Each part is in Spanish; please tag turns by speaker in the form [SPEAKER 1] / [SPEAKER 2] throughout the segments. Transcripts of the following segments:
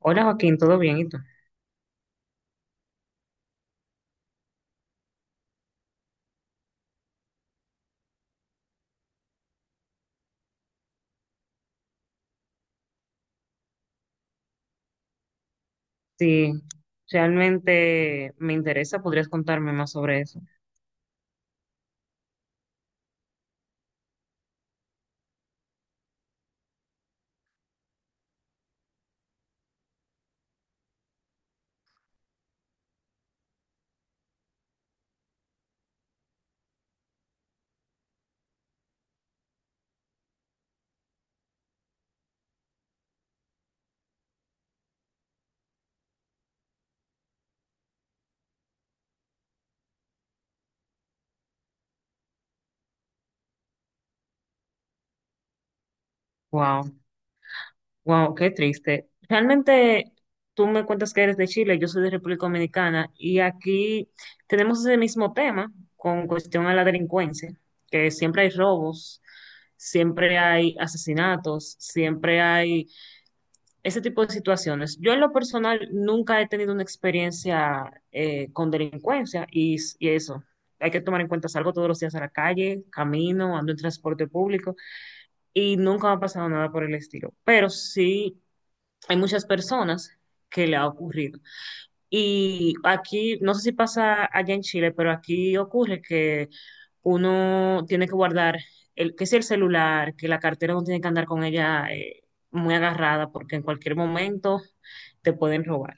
[SPEAKER 1] Hola Joaquín, ¿todo bien? ¿Y tú? Sí, realmente me interesa, ¿podrías contarme más sobre eso? Wow, wow, qué triste. Realmente tú me cuentas que eres de Chile, yo soy de República Dominicana y aquí tenemos ese mismo tema con cuestión a la delincuencia, que siempre hay robos, siempre hay asesinatos, siempre hay ese tipo de situaciones. Yo en lo personal nunca he tenido una experiencia con delincuencia y, s- y eso. Hay que tomar en cuenta, salgo todos los días a la calle, camino, ando en transporte público y nunca me ha pasado nada por el estilo. Pero sí hay muchas personas que le ha ocurrido. Y aquí, no sé si pasa allá en Chile, pero aquí ocurre que uno tiene que guardar el, que es el celular, que la cartera uno tiene que andar con ella muy agarrada porque en cualquier momento te pueden robar.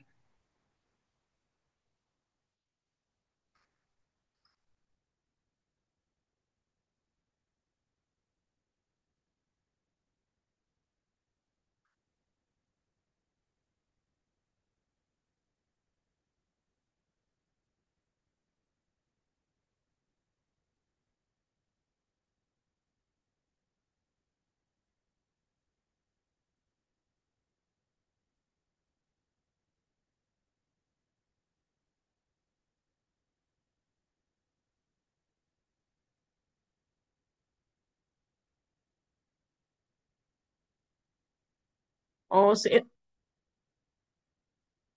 [SPEAKER 1] O si-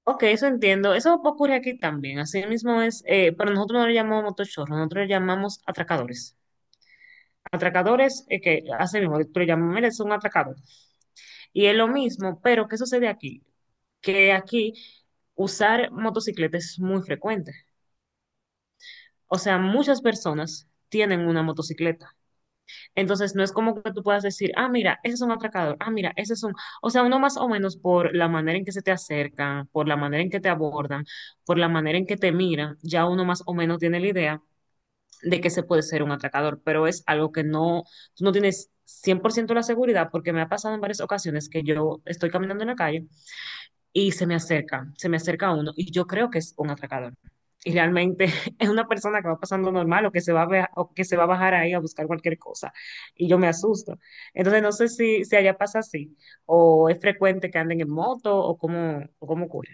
[SPEAKER 1] ok, eso entiendo. Eso ocurre aquí también. Así mismo es, pero nosotros no le llamamos motochorros, nosotros le llamamos atracadores. Atracadores, que hace mismo, tú le llamas, mira, es un atracador. Y es lo mismo, pero ¿qué sucede aquí? Que aquí usar motocicleta es muy frecuente. O sea, muchas personas tienen una motocicleta. Entonces, no es como que tú puedas decir, ah, mira, ese es un atracador, ah, mira, ese es un... O sea, uno más o menos por la manera en que se te acercan, por la manera en que te abordan, por la manera en que te miran, ya uno más o menos tiene la idea de que se puede ser un atracador, pero es algo que no, tú no tienes 100% la seguridad porque me ha pasado en varias ocasiones que yo estoy caminando en la calle y se me acerca a uno y yo creo que es un atracador. Y realmente es una persona que va pasando normal o que se va a, bea- o que se va a bajar ahí a buscar cualquier cosa y yo me asusto. Entonces no sé si allá pasa así o es frecuente que anden en moto o cómo ocurre.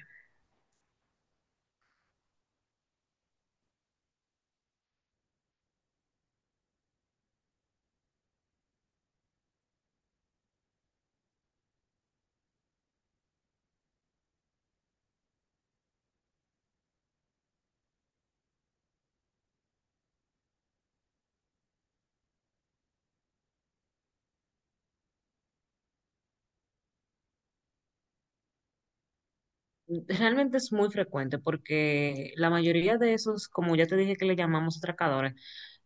[SPEAKER 1] Realmente es muy frecuente porque la mayoría de esos, como ya te dije que le llamamos atracadores,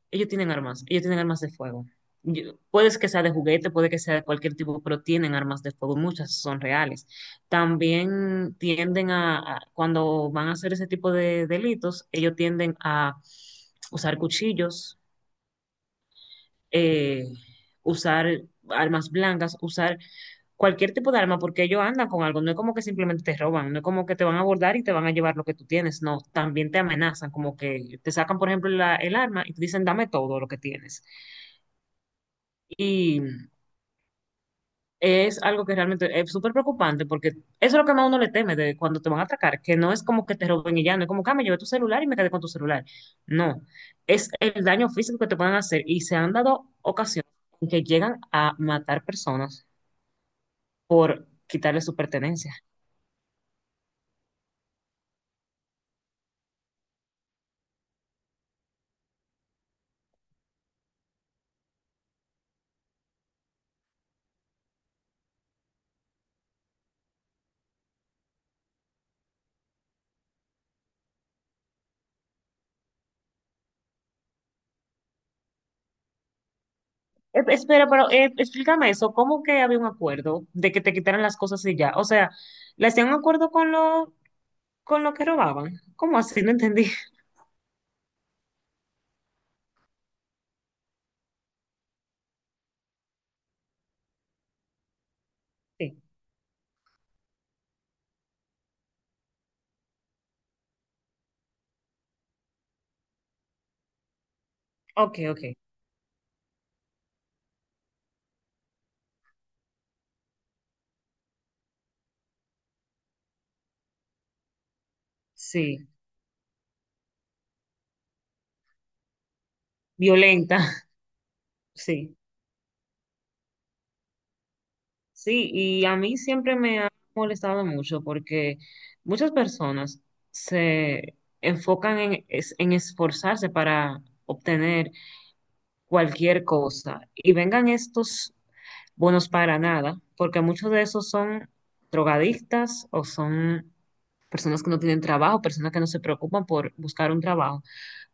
[SPEAKER 1] ellos tienen armas, ellos tienen armas de fuego. Yo- puede que sea de juguete, puede que sea de cualquier tipo, pero tienen armas de fuego, muchas son reales. También tienden a- cuando van a hacer ese tipo de delitos, ellos tienden a usar cuchillos, eh, usar armas blancas, usar cualquier tipo de arma, porque ellos andan con algo, no es como que simplemente te roban, no es como que te van a abordar y te van a llevar lo que tú tienes, no, también te amenazan, como que te sacan, por ejemplo, la- el arma y te dicen, dame todo lo que tienes. Y es algo que realmente es súper preocupante porque eso es lo que más uno le teme de cuando te van a atracar, que no es como que te roben y ya, no es como que "Ah, me llevé tu celular y me quedé con tu celular". No, es el daño físico que te pueden hacer y se han dado ocasiones en que llegan a matar personas por quitarle su pertenencia. Espera, pero explícame eso, ¿cómo que había un acuerdo de que te quitaran las cosas y ya? O sea, ¿le hacían un acuerdo con lo que robaban? ¿Cómo así? No entendí. Sí. Ok, ok. Sí, violenta. Sí, sí, y a mí siempre me ha molestado mucho porque muchas personas se enfocan en, es- en esforzarse para obtener cualquier cosa y vengan estos bonos para nada, porque muchos de esos son drogadictas o son personas que no tienen trabajo, personas que no se preocupan por buscar un trabajo.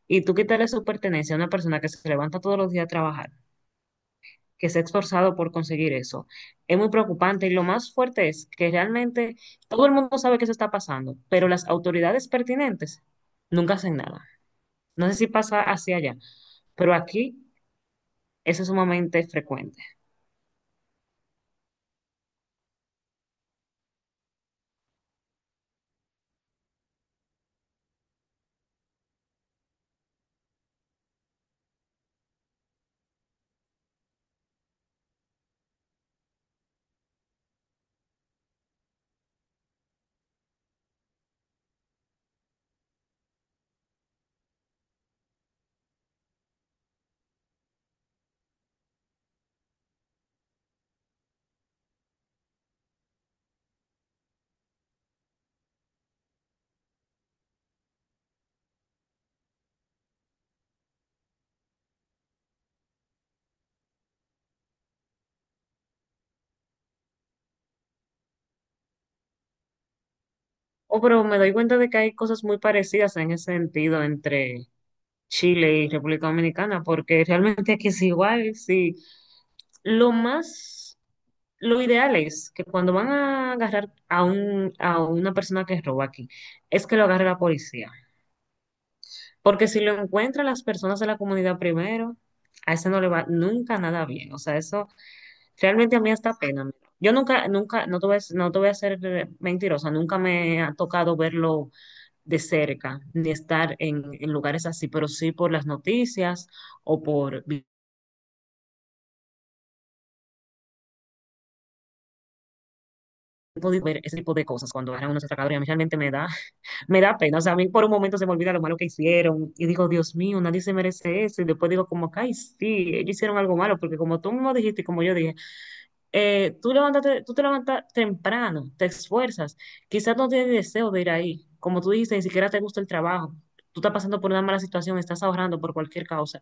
[SPEAKER 1] Y tú quitarle su pertenencia a una persona que se levanta todos los días a trabajar, que se ha esforzado por conseguir eso. Es muy preocupante y lo más fuerte es que realmente todo el mundo sabe que eso está pasando, pero las autoridades pertinentes nunca hacen nada. No sé si pasa hacia allá, pero aquí eso es sumamente frecuente. Oh, pero me doy cuenta de que hay cosas muy parecidas en ese sentido entre Chile y República Dominicana, porque realmente aquí es igual, sí. Lo más, lo ideal es que cuando van a agarrar a un, a una persona que roba aquí, es que lo agarre la policía. Porque si lo encuentran las personas de la comunidad primero, a ese no le va nunca nada bien. O sea, eso realmente a mí hasta pena me da. Yo nunca, nunca, no te voy a, no te voy a ser mentirosa, nunca me ha tocado verlo de cerca, ni estar en lugares así, pero sí por las noticias o por vi- he podido ver ese tipo de cosas cuando agarran unos atracadores. Y a mí realmente me da, me da pena, o sea, a mí por un momento se me olvida lo malo que hicieron y digo, Dios mío, nadie se merece eso. Y después digo como, que, ay, sí, ellos hicieron algo malo, porque como tú mismo dijiste y como yo dije, tú levántate, tú te levantas temprano, te esfuerzas, quizás no tienes deseo de ir ahí, como tú dijiste, ni siquiera te gusta el trabajo, tú estás pasando por una mala situación, estás ahorrando por cualquier causa.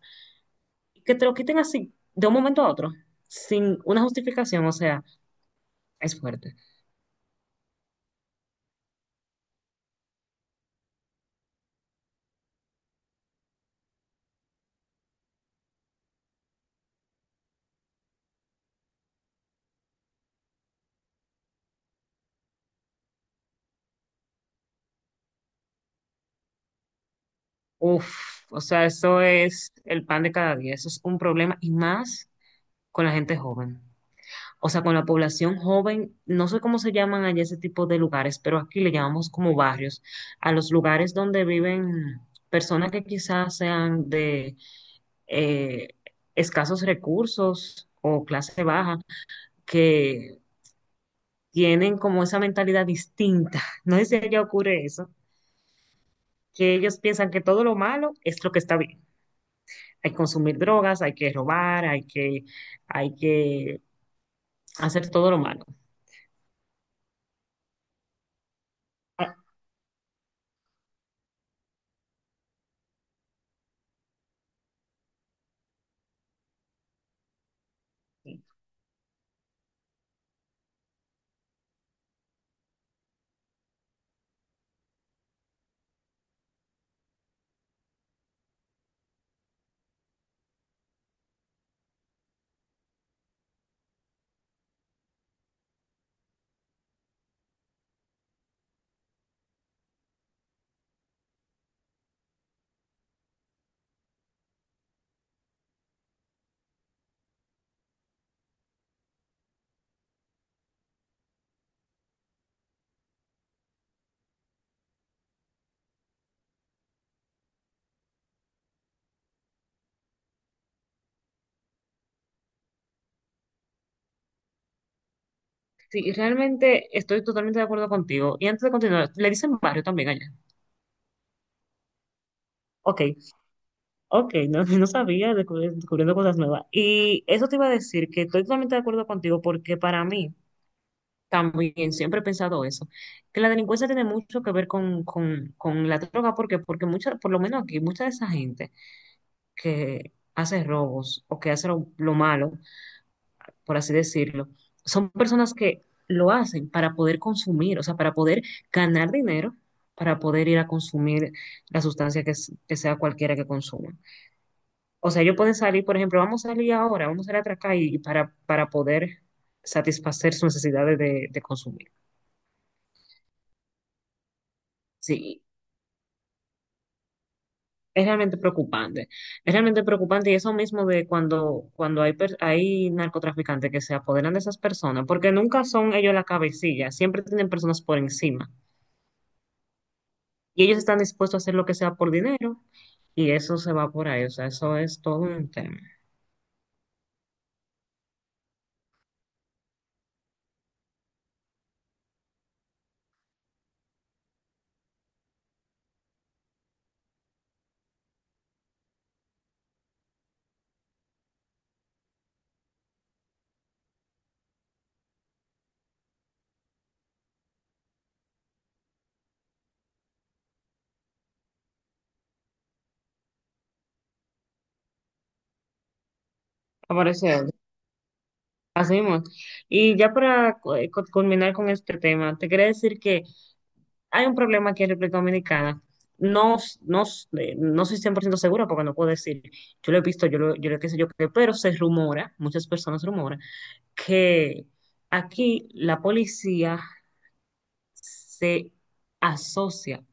[SPEAKER 1] Que te lo quiten así, de un momento a otro, sin una justificación, o sea, es fuerte. Uf, o sea, eso es el pan de cada día, eso es un problema y más con la gente joven. O sea, con la población joven, no sé cómo se llaman allá ese tipo de lugares, pero aquí le llamamos como barrios, a los lugares donde viven personas que quizás sean de eh, escasos recursos o clase baja, que tienen como esa mentalidad distinta. No sé si allá ocurre eso, que ellos piensan que todo lo malo es lo que está bien. Hay que consumir drogas, hay que robar, hay que hacer todo lo malo. Ah, sí, realmente estoy totalmente de acuerdo contigo. Y antes de continuar, le dicen barrio también allá. Ok, ok, no, no sabía, descubri- descubriendo cosas nuevas. Y eso te iba a decir que estoy totalmente de acuerdo contigo porque para mí también siempre he pensado eso, que la delincuencia tiene mucho que ver con la droga, porque, porque mucha, por lo menos aquí, mucha de esa gente que hace robos o que hace lo malo, por así decirlo, son personas que lo hacen para poder consumir, o sea, para poder ganar dinero, para poder ir a consumir la sustancia que, s- que sea cualquiera que consuma. O sea, ellos pueden salir, por ejemplo, vamos a salir ahora, vamos a ir a atracar y para poder satisfacer sus necesidades de consumir. Sí, es realmente preocupante. Es realmente preocupante y eso mismo de cuando, cuando hay, per- hay narcotraficantes que se apoderan de esas personas, porque nunca son ellos la cabecilla, siempre tienen personas por encima. Y ellos están dispuestos a hacer lo que sea por dinero, y eso se va por ahí, o sea, eso es todo un tema. Aparece así mismo. Y ya para cu- cu- culminar con este tema, te quería decir que hay un problema aquí en República Dominicana. No, s- no, s- no soy 100% segura porque no puedo decir, yo lo he visto, yo lo que sé yo, qué, pero se rumora, muchas personas rumoran, que aquí la policía se asocia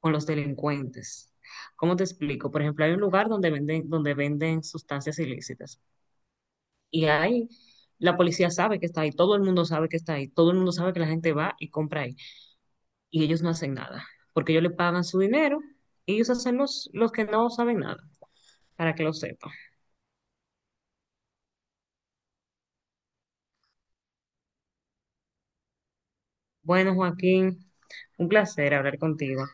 [SPEAKER 1] con los delincuentes. ¿Cómo te explico? Por ejemplo, hay un lugar donde venden sustancias ilícitas y ahí la policía sabe que está ahí, todo el mundo sabe que está ahí, todo el mundo sabe que la gente va y compra ahí y ellos no hacen nada porque ellos le pagan su dinero y ellos hacen los que no saben nada, para que lo sepan. Bueno, Joaquín, un placer hablar contigo.